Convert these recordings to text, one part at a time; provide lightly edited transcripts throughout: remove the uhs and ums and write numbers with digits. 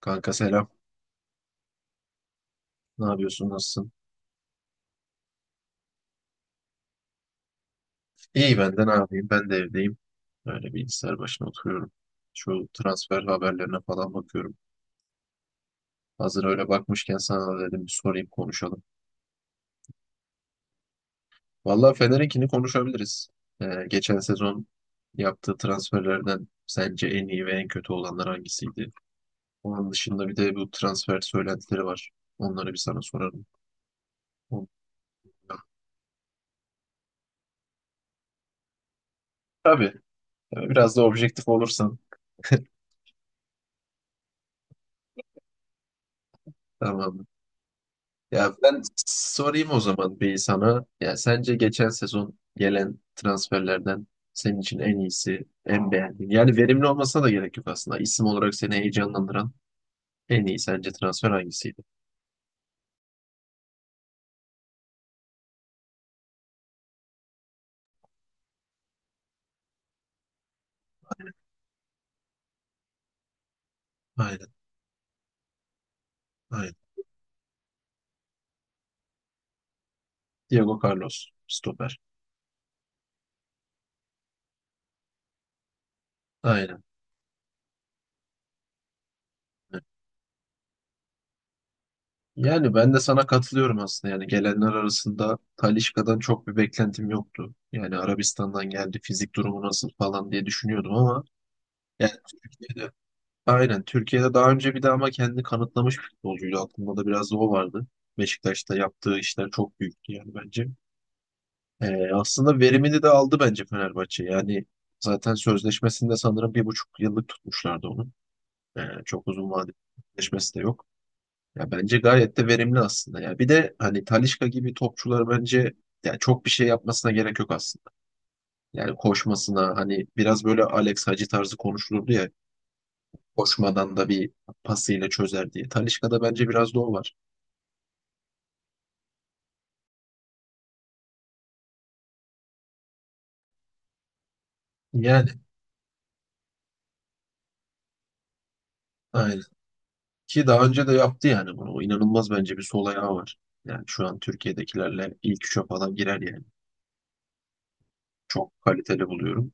Kanka selam. Ne yapıyorsun? Nasılsın? İyi ben de ne yapayım? Ben de evdeyim. Öyle bilgisayar başına oturuyorum. Şu transfer haberlerine falan bakıyorum. Hazır öyle bakmışken sana da dedim bir sorayım konuşalım. Vallahi Fener'inkini konuşabiliriz. Geçen sezon yaptığı transferlerden sence en iyi ve en kötü olanlar hangisiydi? Onun dışında bir de bu transfer söylentileri var. Onları bir sana sorarım. Onu- Tabii. Biraz da objektif olursan. Tamam. Ya ben sorayım o zaman bir sana. Ya sence geçen sezon gelen transferlerden senin için en iyisi, en beğendiğin. Yani verimli olmasına da gerek yok aslında. İsim olarak seni heyecanlandıran en iyi sence transfer hangisiydi? Aynen, aynen. Diego Carlos, stoper. Aynen. Yani ben de sana katılıyorum aslında. Yani gelenler arasında Talisca'dan çok bir beklentim yoktu. Yani Arabistan'dan geldi, fizik durumu nasıl falan diye düşünüyordum ama yani Türkiye'de. Aynen. Türkiye'de daha önce bir de ama kendini kanıtlamış bir futbolcuydu. Aklımda da biraz o vardı. Beşiktaş'ta yaptığı işler çok büyüktü yani bence. Aslında verimini de aldı bence Fenerbahçe. Yani zaten sözleşmesinde sanırım 1,5 yıllık tutmuşlardı onu. Çok uzun vadeli sözleşmesi de yok. Ya bence gayet de verimli aslında. Ya bir de hani Talisca gibi topçular bence ya çok bir şey yapmasına gerek yok aslında. Yani koşmasına hani biraz böyle Alex Hacı tarzı konuşulurdu ya. Koşmadan da bir pasıyla çözer diye. Talisca'da bence biraz da o var. Yani aynen. Ki daha önce de yaptı yani bunu. O İnanılmaz bence bir sol ayağı var. Yani şu an Türkiye'dekilerle ilk üçe falan girer yani. Çok kaliteli buluyorum.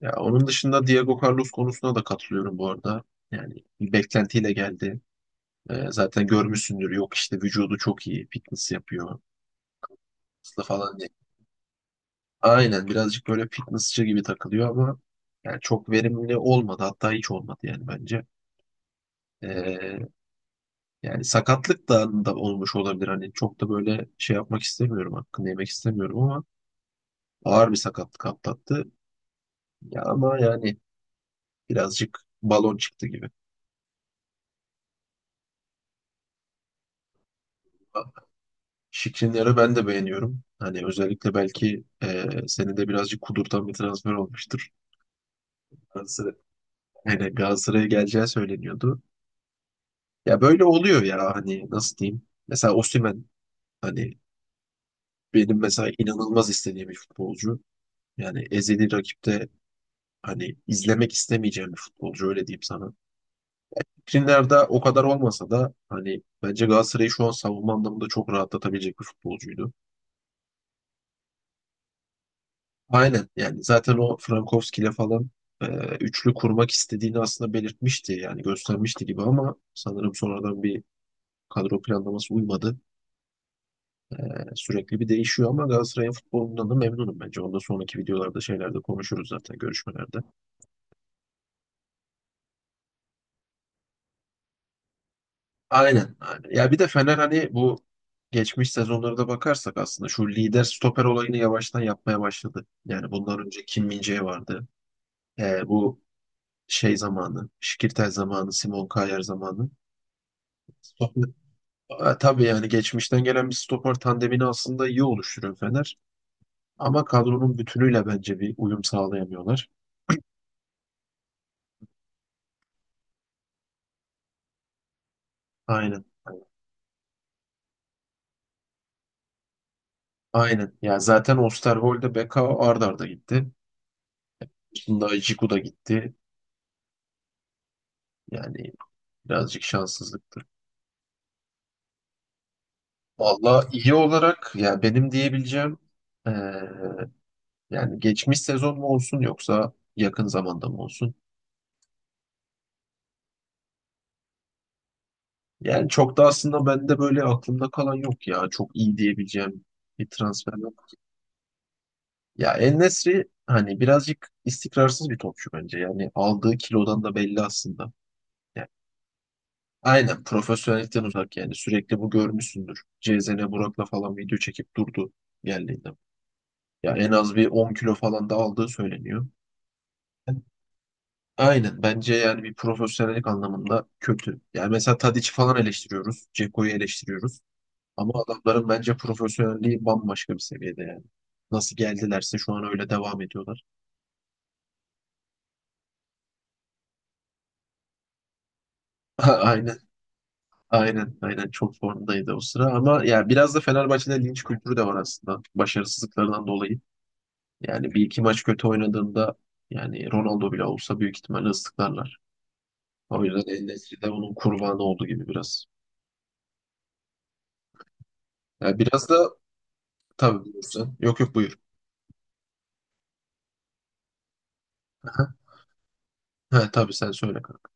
Ya onun dışında Diego Carlos konusuna da katılıyorum bu arada. Yani bir beklentiyle geldi. Zaten görmüşsündür. Yok işte vücudu çok iyi. Fitness yapıyor. Hızlı falan diye. Aynen birazcık böyle fitnessçi gibi takılıyor ama yani çok verimli olmadı. Hatta hiç olmadı yani bence. Ee, Yani sakatlık da olmuş olabilir. Hani çok da böyle şey yapmak istemiyorum. Hakkını yemek istemiyorum ama ağır bir sakatlık atlattı. Ya ama yani birazcık balon çıktı gibi. Şikrinyar'ı ben de beğeniyorum. Hani özellikle belki seni de birazcık kudurtan bir transfer olmuştur. Galatasaray, yani Galatasaray'a geleceği söyleniyordu. Ya böyle oluyor ya hani nasıl diyeyim. Mesela Osimhen hani benim mesela inanılmaz istediğim bir futbolcu. Yani ezeli rakipte hani izlemek istemeyeceğim bir futbolcu öyle diyeyim sana. Primler'de o kadar olmasa da hani bence Galatasaray'ı şu an savunma anlamında çok rahatlatabilecek bir futbolcuydu. Aynen yani zaten o Frankowski'yle falan e, üçlü kurmak istediğini aslında belirtmişti yani göstermişti gibi ama sanırım sonradan bir kadro planlaması uymadı. Sürekli bir değişiyor ama Galatasaray'ın futbolundan da memnunum bence. Ondan sonraki videolarda şeylerde konuşuruz zaten görüşmelerde. Aynen, aynen. Ya bir de Fener hani bu geçmiş sezonlara da bakarsak aslında şu lider stoper olayını yavaştan yapmaya başladı. Yani bundan önce Kim min vardı. Bu şey zamanı, Şikirtel zamanı, Simon Kjaer zamanı. Stoper, tabii yani geçmişten gelen bir stoper tandemini aslında iyi oluşturuyor Fener. Ama kadronun bütünüyle bence bir uyum sağlayamıyorlar. Aynen. Aynen. Ya zaten Osterwolde, Beka ard arda gitti. Şimdi Ajiku da gitti. Yani birazcık şanssızlık. Valla iyi olarak ya benim diyebileceğim eee, yani geçmiş sezon mu olsun yoksa yakın zamanda mı olsun? Yani çok da aslında bende böyle aklımda kalan yok ya. Çok iyi diyebileceğim bir transfer yok. Ya En-Nesyri hani birazcık istikrarsız bir topçu bence. Yani aldığı kilodan da belli aslında. Yani aynen profesyonellikten uzak yani. Sürekli bu görmüşsündür. CZN Burak'la falan video çekip durdu geldiğinde. Ya en az bir 10 kilo falan da aldığı söyleniyor. Aynen. Bence yani bir profesyonellik anlamında kötü. Yani mesela Tadic'i falan eleştiriyoruz. Ceko'yu eleştiriyoruz. Ama adamların bence profesyonelliği bambaşka bir seviyede yani. Nasıl geldilerse şu an öyle devam ediyorlar. Aynen. Aynen. Aynen. Çok formdaydı o sıra. Ama ya biraz da Fenerbahçe'de linç kültürü de var aslında. Başarısızlıklarından dolayı. Yani bir iki maç kötü oynadığında yani Ronaldo bile olsa büyük ihtimalle ıslıklarlar. O yüzden En-Nesyri de onun kurbanı oldu gibi biraz. Yani biraz da tabii buyursan. Yok yok buyur. He, tabii sen söyle kanka.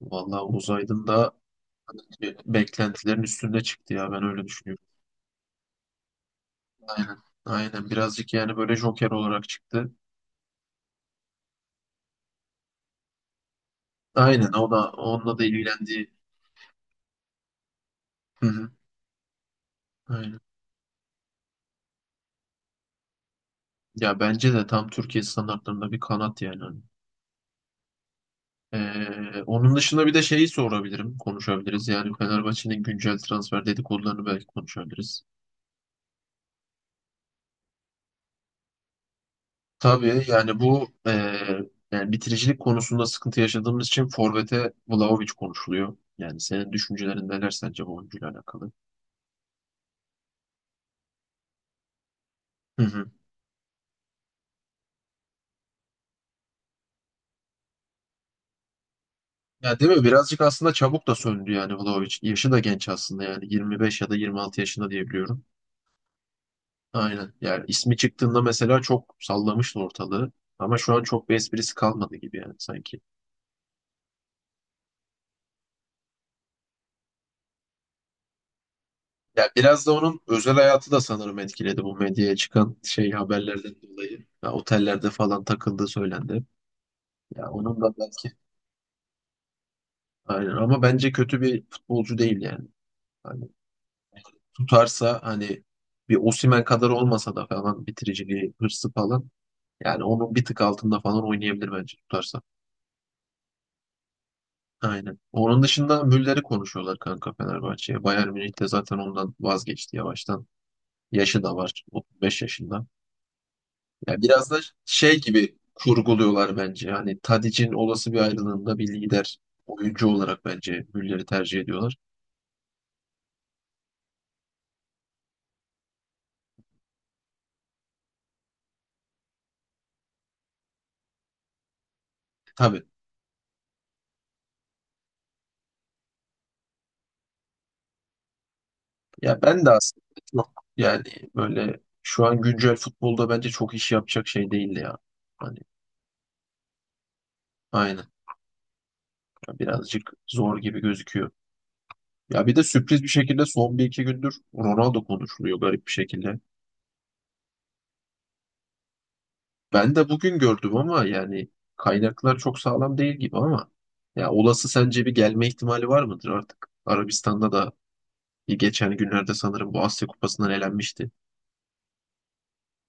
Vallahi uzaydın da beklentilerin üstünde çıktı ya ben öyle düşünüyorum. Aynen. Aynen birazcık yani böyle Joker olarak çıktı. Aynen o da onunla da ilgilendiği. Hı hı. Aynen. Ya bence de tam Türkiye standartlarında bir kanat yani. Hani. Onun dışında bir de şeyi sorabilirim, konuşabiliriz. Yani Fenerbahçe'nin güncel transfer dedikodularını belki konuşabiliriz. Tabii yani bu yani bitiricilik konusunda sıkıntı yaşadığımız için forvete Vlahovic konuşuluyor. Yani senin düşüncelerin neler sence bu oyuncuyla alakalı? Hı hı. Ya değil mi? Birazcık aslında çabuk da söndü yani Vlahovic. Yaşı da genç aslında yani 25 ya da 26 yaşında diyebiliyorum. Aynen. Yani ismi çıktığında mesela çok sallamıştı ortalığı. Ama şu an çok bir esprisi kalmadı gibi yani sanki. Ya biraz da onun özel hayatı da sanırım etkiledi bu medyaya çıkan şey haberlerden dolayı. Ya otellerde falan takıldığı söylendi. Ya onun da belki aynen ama bence kötü bir futbolcu değil yani. Hani tutarsa hani bir Osimhen kadar olmasa da falan bitiriciliği, hırsı falan yani onun bir tık altında falan oynayabilir bence tutarsa. Aynen. Onun dışında Müller'i konuşuyorlar kanka Fenerbahçe'ye. Bayern Münih de zaten ondan vazgeçti yavaştan. Yaşı da var. 35 yaşında. Ya biraz da şey gibi kurguluyorlar bence. Hani Tadic'in olası bir ayrılığında bir lider oyuncu olarak bence Müller'i tercih ediyorlar. Tabii. Ya ben de aslında çok yani böyle şu an güncel futbolda bence çok iş yapacak şey değildi ya. Hani aynen. Ya birazcık zor gibi gözüküyor. Ya bir de sürpriz bir şekilde son bir iki gündür Ronaldo konuşuluyor garip bir şekilde. Ben de bugün gördüm ama yani kaynaklar çok sağlam değil gibi ama ya olası sence bir gelme ihtimali var mıdır artık? Arabistan'da da bir geçen günlerde sanırım bu Asya Kupası'ndan elenmişti.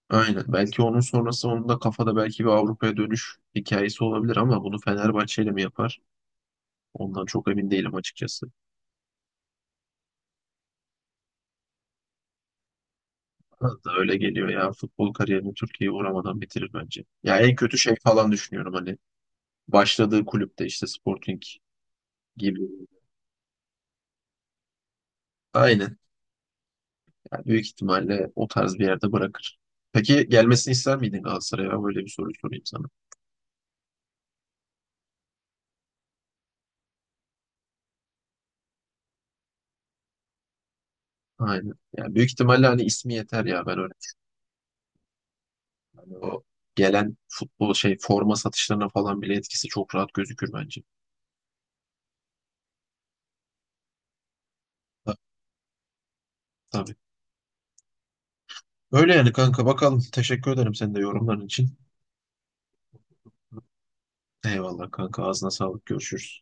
Aynen. Belki onun sonrası onun da kafada belki bir Avrupa'ya dönüş hikayesi olabilir ama bunu Fenerbahçe ile mi yapar? Ondan çok emin değilim açıkçası. Bana da öyle geliyor ya. Futbol kariyerini Türkiye'ye uğramadan bitirir bence. Ya en kötü şey falan düşünüyorum hani. Başladığı kulüpte işte Sporting gibi. Aynen. Yani büyük ihtimalle o tarz bir yerde bırakır. Peki gelmesini ister miydin Galatasaray'a? Böyle bir soru sorayım sana. Aynen. Yani büyük ihtimalle hani ismi yeter ya. Ben yani o gelen futbol şey forma satışlarına falan bile etkisi çok rahat gözükür bence. Ta- Tabii. Öyle yani kanka bakalım. Teşekkür ederim senin de yorumların için. Eyvallah kanka ağzına sağlık. Görüşürüz.